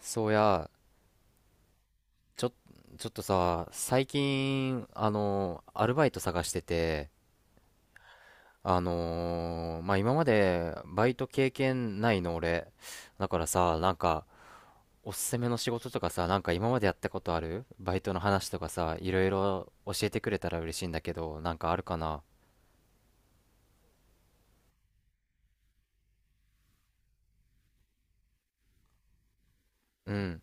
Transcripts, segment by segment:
そうや、ちょ、ちょっとさ、最近、アルバイト探してて、まあ、今までバイト経験ないの俺。だからさ、なんか、おすすめの仕事とかさ、なんか今までやったことあるバイトの話とかさ、いろいろ教えてくれたら嬉しいんだけど、なんかあるかな？うん。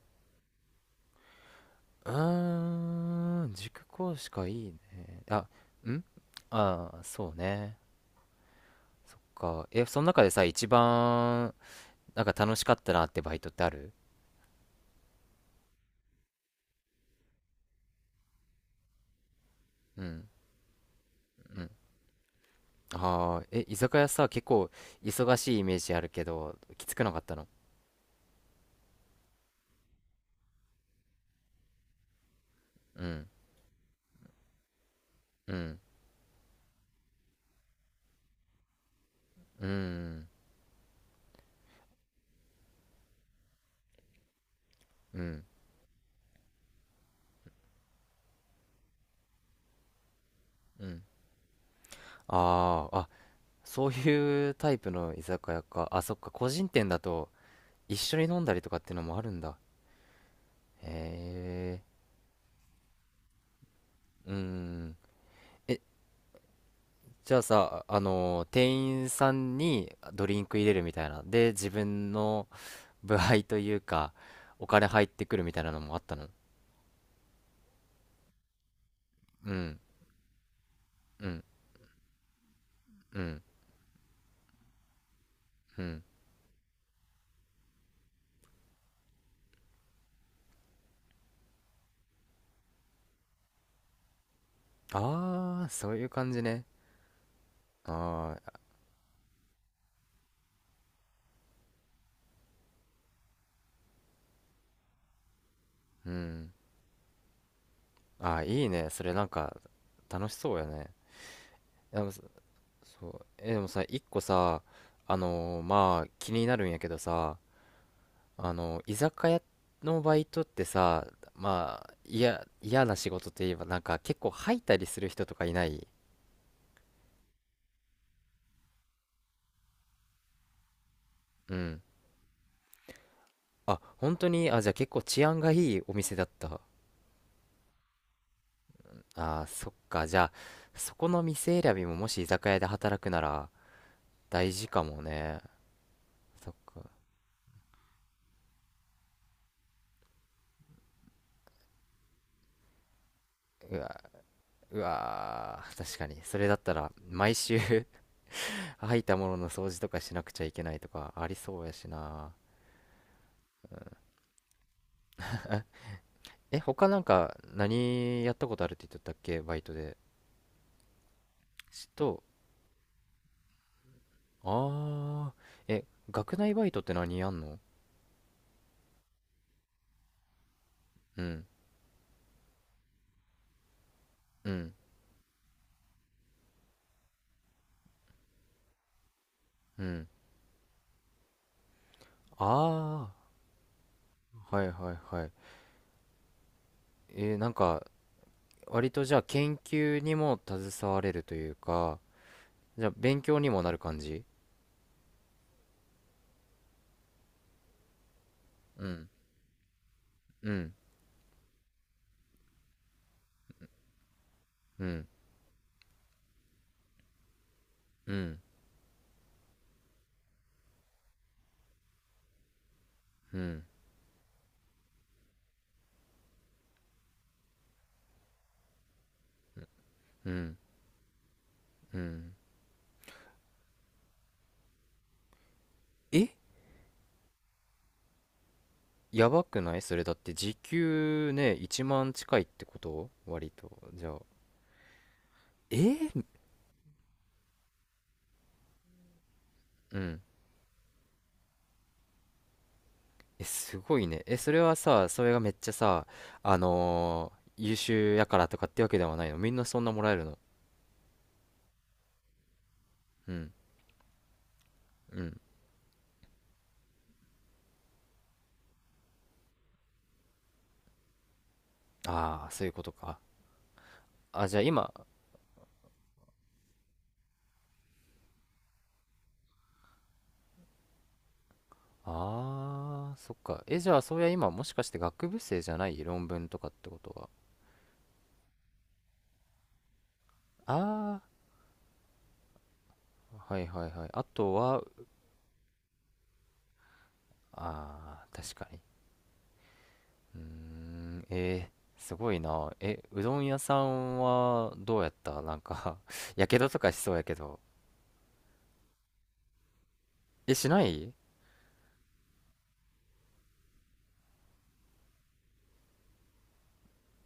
うーん、塾講師かいいね。あ。ん。ああー、そうね。え、その中でさ、一番、なんか楽しかったなってバイトってある？うん。うん。ああ。え、居酒屋さ、結構忙しいイメージあるけど、きつくなかったの？うん。うん。うん。うん。うん。ああー。あ、そういうタイプの居酒屋か。あ、そっか、個人店だと一緒に飲んだりとかっていうのもあるんだ。へえ。うん。え、じゃあさ、あの、店員さんにドリンク入れるみたいなで自分の部配というか、お金入ってくるみたいなのもあったの？うん、うん、うん、うん。ああ、そういう感じね。ああ、うん。ああ、いいね。それなんか、楽しそうやね。でも、そう。え、でもさ、一個さ、まあ、気になるんやけどさ、居酒屋のバイトってさ、まあ、いや、嫌な仕事といえば、なんか結構吐いたりする人とかいない？うん。あ、本当に？あ、じゃあ結構治安がいいお店だった。ああ、そっか。じゃあ、そこの店選びももし居酒屋で働くなら大事かもね。そっか。うわ。うわー、確かに。それだったら、毎週 吐いたものの掃除とかしなくちゃいけないとかありそうやしな。え、他なんか何やったことあるって言っとったっけバイトで。ちょっと、ああ、え、学内バイトって何やんの？うん、うん、うん。ああ、はいはいはい。なんか、割とじゃあ研究にも携われるというか、じゃあ勉強にもなる感じ？うん、うん、うん、うん、うん、うん、うん。え、やばくないそれだって時給ね、1万近いってこと割と。じゃあ、え。うん。え、すごいね。え、それはさ、それがめっちゃさ、優秀やからとかってわけではないのみんなそんなもらえるの？うん、うん。ああ、そういうことか。あ、じゃあ今、ああ、そっか。え、じゃあ、そういや今、もしかして学部生じゃない論文とかってことは。ああ、はいはいはい。あとは、あー確かに。うーん、すごいな。え、うどん屋さんはどうやったなんか やけどとかしそうやけど。え、しない？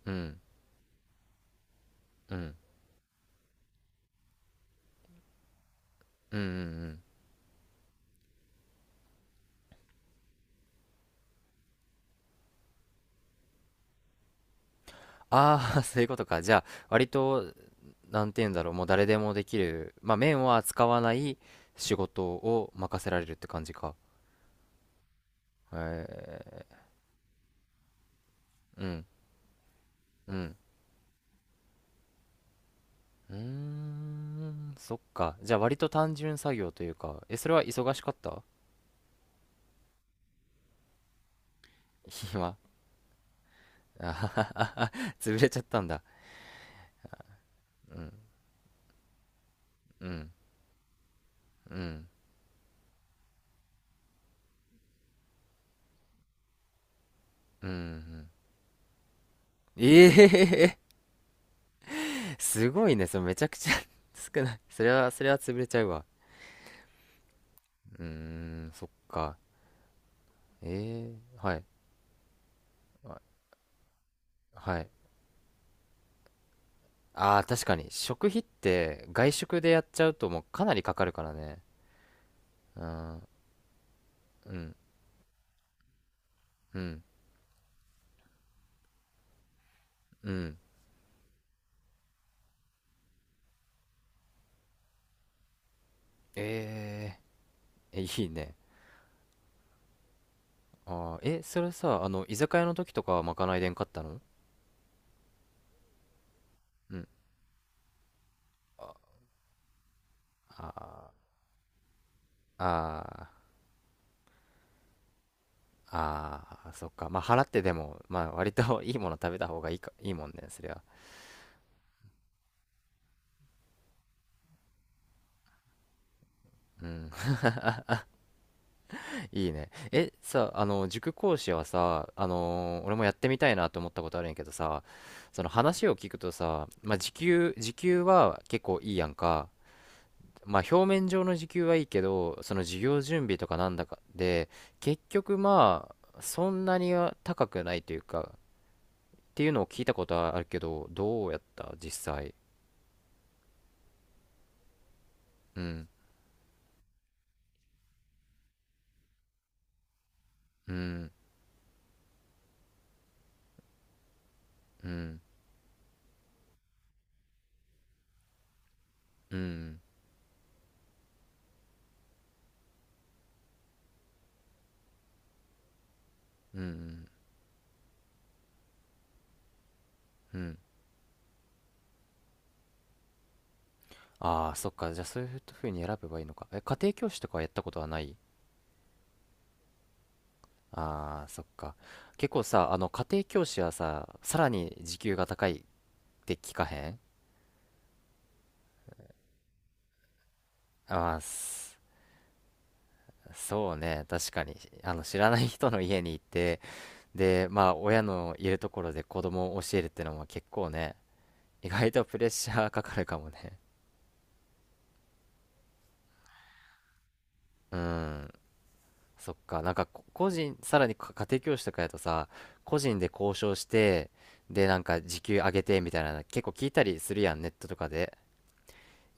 うん、うん、うん、うん、うん。ああ、そういうことか。じゃあ、割と、なんて言うんだろう、もう誰でもできる、まあ、麺は使わない仕事を任せられるって感じか。へ。うん。うん。うーん。そっか。じゃあ割と単純作業というか、え、それは忙しかった？ 暇？あははは 潰れちゃったんだ。うん。うん。うん。うん。ええ すごいね。それめちゃくちゃ 少ない。それは、それは潰れちゃうわ。うーん、そっか。ええ、はい。はい。ああ、確かに。食費って外食でやっちゃうともうかなりかかるからね。うん、うん、うん、うん。ええ、いいね。ああ、え、それさ、あの、居酒屋の時とかはまかないでんかったの？うん。ああ、ああ、ああ、そっか。まあ、払ってでも、まあ、割と いいもの食べた方がいいか、いいもんね、そりゃ。うん、いいね。え、さ、あの、塾講師はさ、俺もやってみたいなと思ったことあるんやけどさ、その話を聞くとさ、まあ、時給は結構いいやんか。まあ表面上の時給はいいけど、その授業準備とかなんだかで、結局まあ、そんなには高くないというか、っていうのを聞いたことはあるけど、どうやった実際。うん、うん、うん、うん、うん、うん。ああ、そっか。じゃあそういうふうに選べばいいのか。え、家庭教師とかはやったことはない？ああ、そっか。結構さ、あの、家庭教師はさ、さらに時給が高いって聞かへん？ああー、そうね、確かに、あの、知らない人の家に行って、で、まあ、親のいるところで子供を教えるってのも結構ね、意外とプレッシャーかかるかもね。うん、そっか、なんか、こ個人、さらにか家庭教師とかやとさ、個人で交渉して、で、なんか、時給上げてみたいな結構聞いたりするやん、ネットとかで。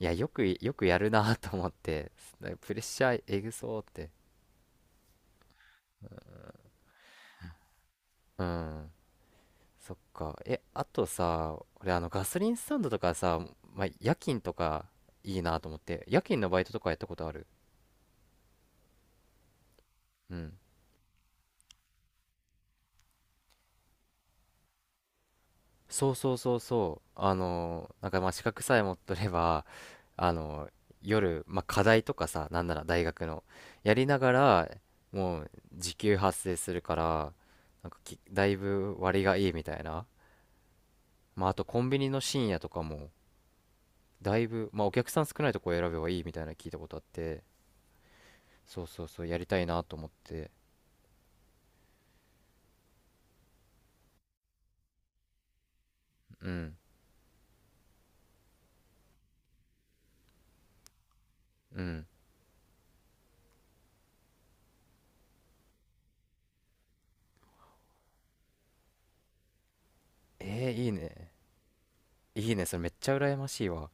いや、よくやるなと思って、プレッシャーえぐそうって。うん。そっか。え、あとさ、俺あのガソリンスタンドとかさ、まあ、夜勤とかいいなと思って、夜勤のバイトとかやったことある？うん。そうそうそうそう。なんかまあ資格さえ持っとれば、あのー、夜、まあ、課題とかさ、なんなら大学の、やりながら、もう時給発生するから、なんか、だいぶ割がいいみたいな。まあ、あとコンビニの深夜とかも、だいぶ、まあ、お客さん少ないとこ選べばいいみたいなの聞いたことあって、そうそうそう、やりたいなと思って。うん。うん。いいね。いいね。それめっちゃ羨ましいわ。